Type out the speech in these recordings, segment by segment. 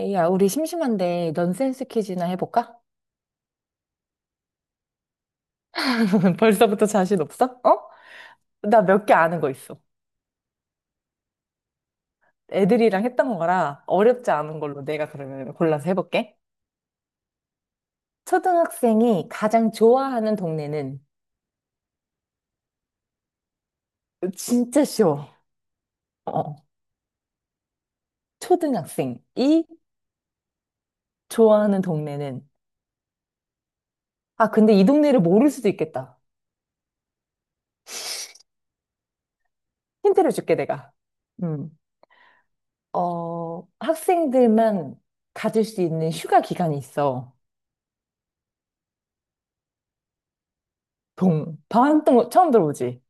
에이야, 우리 심심한데 넌센스 퀴즈나 해볼까? 벌써부터 자신 없어? 어? 나 몇 개 아는 거 있어. 애들이랑 했던 거라 어렵지 않은 걸로 내가 그러면 골라서 해볼게. 초등학생이 가장 좋아하는 동네는 진짜 쉬워. 어, 초등학생이 좋아하는 동네는, 아, 근데 이 동네를 모를 수도 있겠다. 힌트를 줄게, 내가. 음. 어, 학생들만 가질 수 있는 휴가 기간이 있어. 동. 반동 처음 들어보지?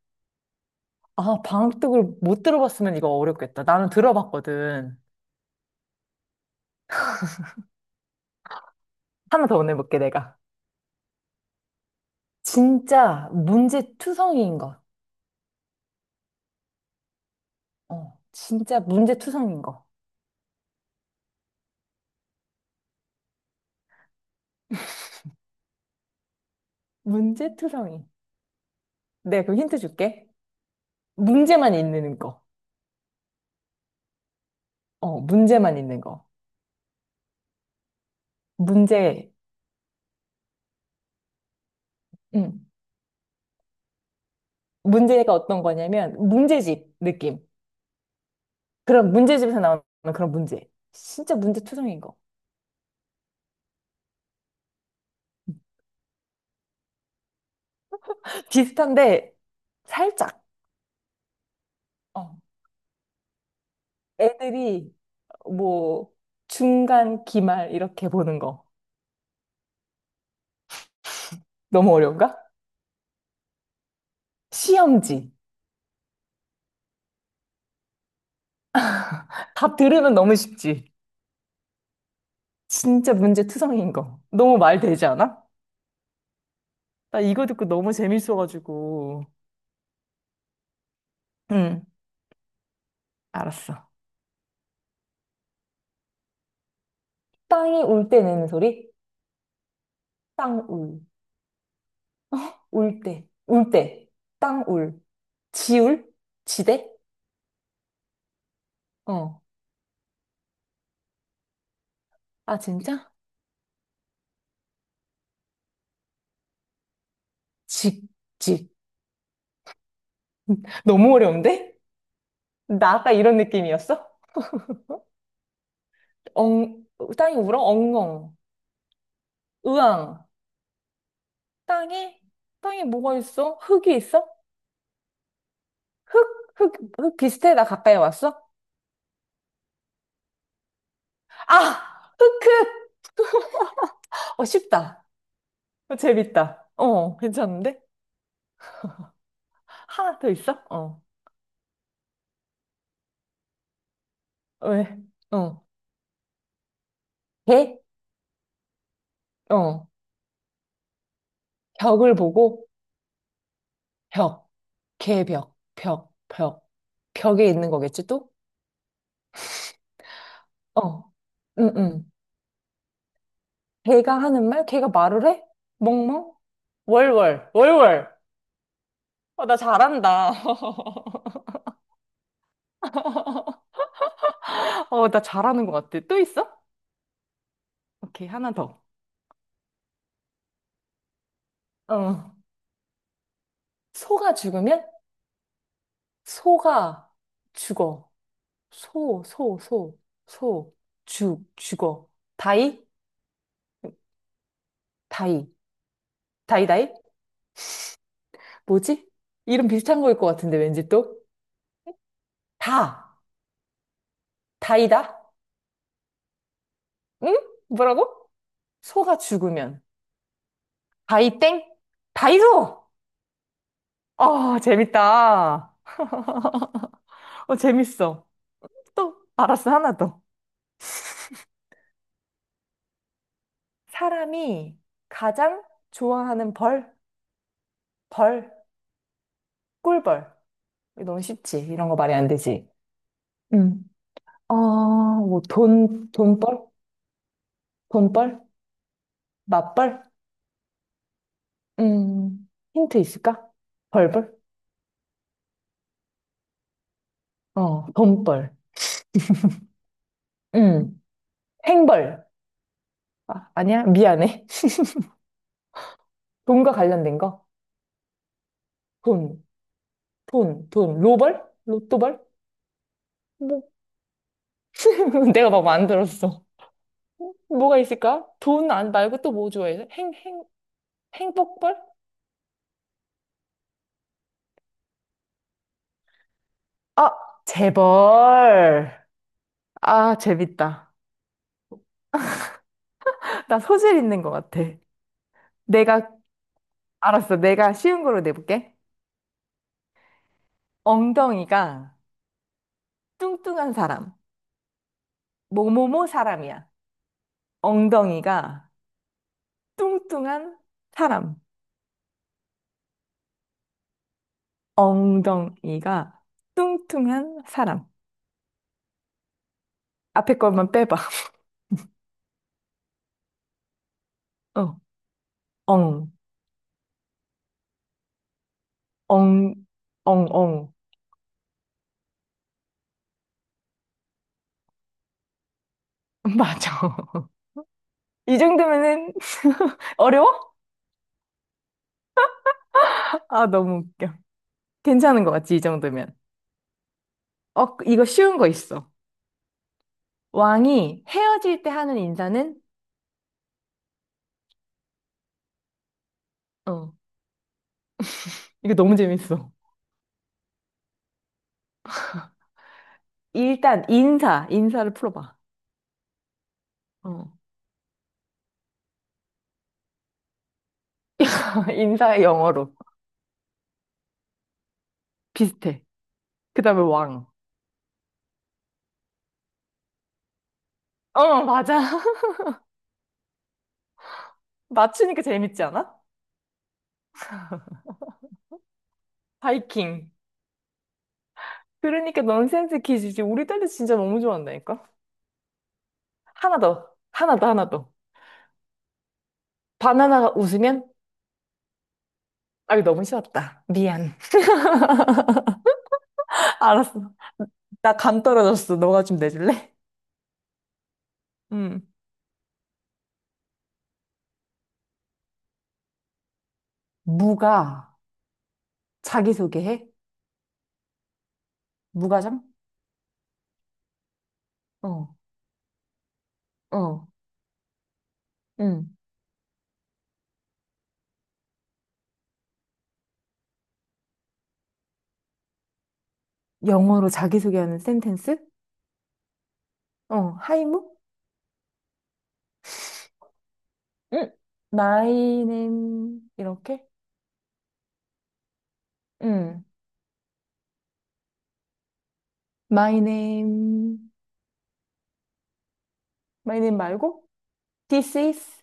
아, 방학독을 못 들어봤으면 이거 어렵겠다. 나는 들어봤거든. 하나 더 보내볼게, 내가. 진짜 문제투성이인 것. 어, 진짜 문제투성이인 거. 문제투성이. 네, 그럼 힌트 줄게. 문제만 있는 거. 어, 문제만 있는 거. 문제, 음 문제가 어떤 거냐면, 문제집 느낌. 그런 문제집에서 나오는 그런 문제. 진짜 문제투성이인 거. 비슷한데, 살짝. 어. 애들이 뭐 중간 기말 이렇게 보는 거, 너무 어려운가? 시험지. 답 들으면 너무 쉽지. 진짜 문제 투성이인 거. 너무 말 되지 않아? 나 이거 듣고 너무 재밌어가지고. 응, 알았어. 땅이 울 때 내는 소리? 땅 울. 울 때. 울 때. 땅 울. 지울? 지대? 어. 아, 진짜? 직, 직. 너무 어려운데? 나 아까 이런 느낌이었어? 엉, 땅이 울어? 엉엉. 의왕. 땅이? 땅이 뭐가 있어? 흙이 있어? 흙? 흙, 흙 비슷해? 나 가까이 왔어? 아! 흙, 흙! 어, 쉽다. 어, 재밌다. 어, 괜찮은데? 하나 더 있어? 어. 왜? 어. 개? 어. 벽을 보고, 벽. 개벽. 벽. 벽. 벽에 있는 거겠지, 또? 어. 응, 응. 개가 하는 말? 개가 말을 해? 멍멍? 월월. 월월. 어, 나 잘한다. 어, 나 잘하는 것 같아. 또 있어? 오케이, 하나 더. 어. 소가 죽으면, 소가 죽어. 소, 소, 소, 소. 죽어. 다이, 다이, 다이? 뭐지? 이름 비슷한 거일 것 같은데, 왠지 또? 다, 다이다? 응? 뭐라고? 소가 죽으면. 다이 땡? 다이소. 아, 재밌다. 어, 재밌어. 또, 알았어, 하나 더. 사람이 가장 좋아하는 벌, 벌. 꿀벌. 너무 쉽지. 이런 거 말이 안 되지. 음. 어, 뭐, 돈, 돈벌? 돈벌? 맞벌? 힌트 있을까? 벌벌? 어, 돈벌. 음, 행벌. 아, 아니야? 미안해. 돈과 관련된 거? 돈, 돈. 로벌? 로또벌? 뭐, 내가 막 만들었어. 뭐가 있을까? 돈 안 말고 또 뭐 좋아해? 행복벌? 아, 재벌. 아, 재밌다. 나 소질 있는 것 같아. 내가, 알았어. 내가 쉬운 걸로 내볼게. 엉덩이가 뚱뚱한 사람. 뭐뭐뭐 사람이야. 엉덩이가 뚱뚱한 사람. 엉덩이가 뚱뚱한 사람. 앞에 것만 빼봐. 어. 엉, 엉, 엉. 맞아. 이 정도면은 어려워? 아, 너무 웃겨. 괜찮은 것 같지, 이 정도면. 어, 이거 쉬운 거 있어. 왕이 헤어질 때 하는 인사는? 어. 이거 너무 재밌어. 일단 인사를 풀어봐. 어. 인사의 영어로. 비슷해. 그다음에 왕. 어, 맞아. 맞추니까 재밌지 않아? 바이킹. 그러니까 넌센스 퀴즈지. 우리 딸도 진짜 너무 좋아한다니까. 하나 더. 하나 더. 바나나가 웃으면? 아, 이거 너무 쉬웠다. 미안. 알았어. 나 감 떨어졌어. 너가 좀 내줄래? 음. 무가 자기소개해? 무과장? 어, 어, 응. 영어로 자기소개하는 센텐스? 어, 하이무? 응, 마이 네임 이렇게? 응. 마이 네임 마이 네임 말고? This is.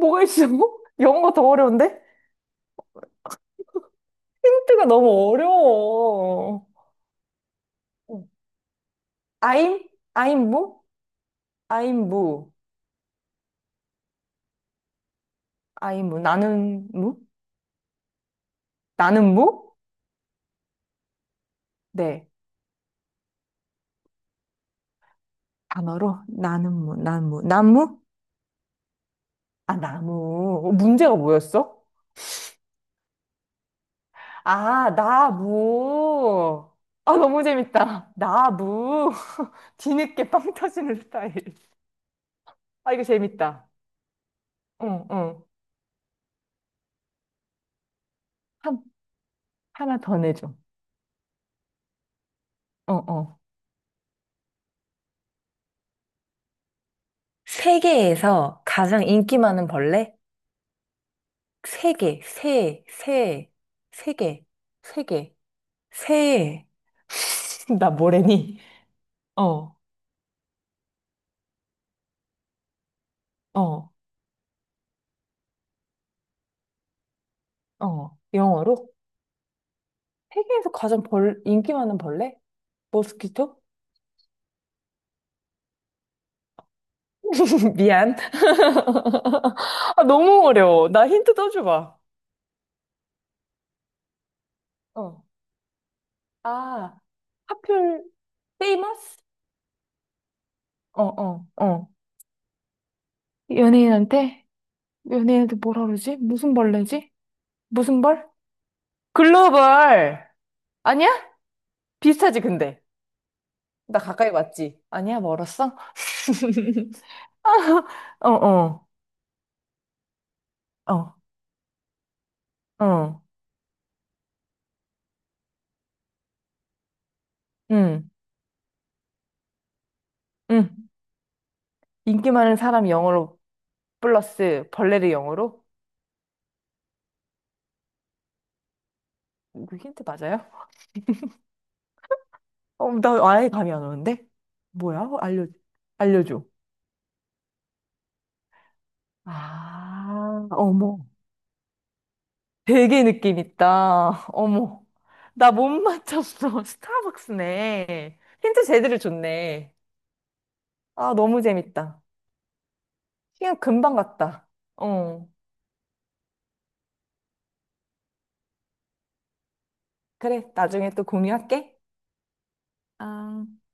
뭐가 있어? 영어가 더 어려운데? 힌트가 너무 어려워. 어. I'm I'm 무? I'm 무. I'm 무. 나는 무? 나는 무? 네. 단어로 나는 무. 나무. 나무? 아, 나무. 어, 문제가 뭐였어? 아, 나무. 아, 너무 재밌다. 나무. 뒤늦게 빵 터지는 스타일. 아, 이거 재밌다. 응, 응. 한, 하나 더 내줘. 어, 어. 세계에서 가장 인기 많은 벌레? 세계 세, 세, 세계 세 계 새. 나 뭐래니? 어, 어, 어. 영어로? 세계에서 가장 벌, 인기 많은 벌레? 모스키토? 미안. 아, 너무 어려워. 나 힌트 또 줘봐. 어. 아, 하필, famous? 어, 어, 어. 연예인한테? 연예인한테 뭐라 그러지? 무슨 벌레지? 무슨 벌? 글로벌. 아니야? 비슷하지, 근데. 나 가까이 왔지? 아니야, 멀었어? 어, 어, 어, 어, 응, 응. 인기 많은 사람 영어로 플러스 벌레를 영어로? 이거 힌트 맞아요? 어, 나 아예 감이 안 오는데? 뭐야? 알려줘. 아, 어머. 되게 느낌 있다. 어머. 나 못 맞췄어. 스타벅스네. 힌트 제대로 줬네. 아, 너무 재밌다. 시간 금방 갔다. 어. 그래, 나중에 또 공유할게. 아.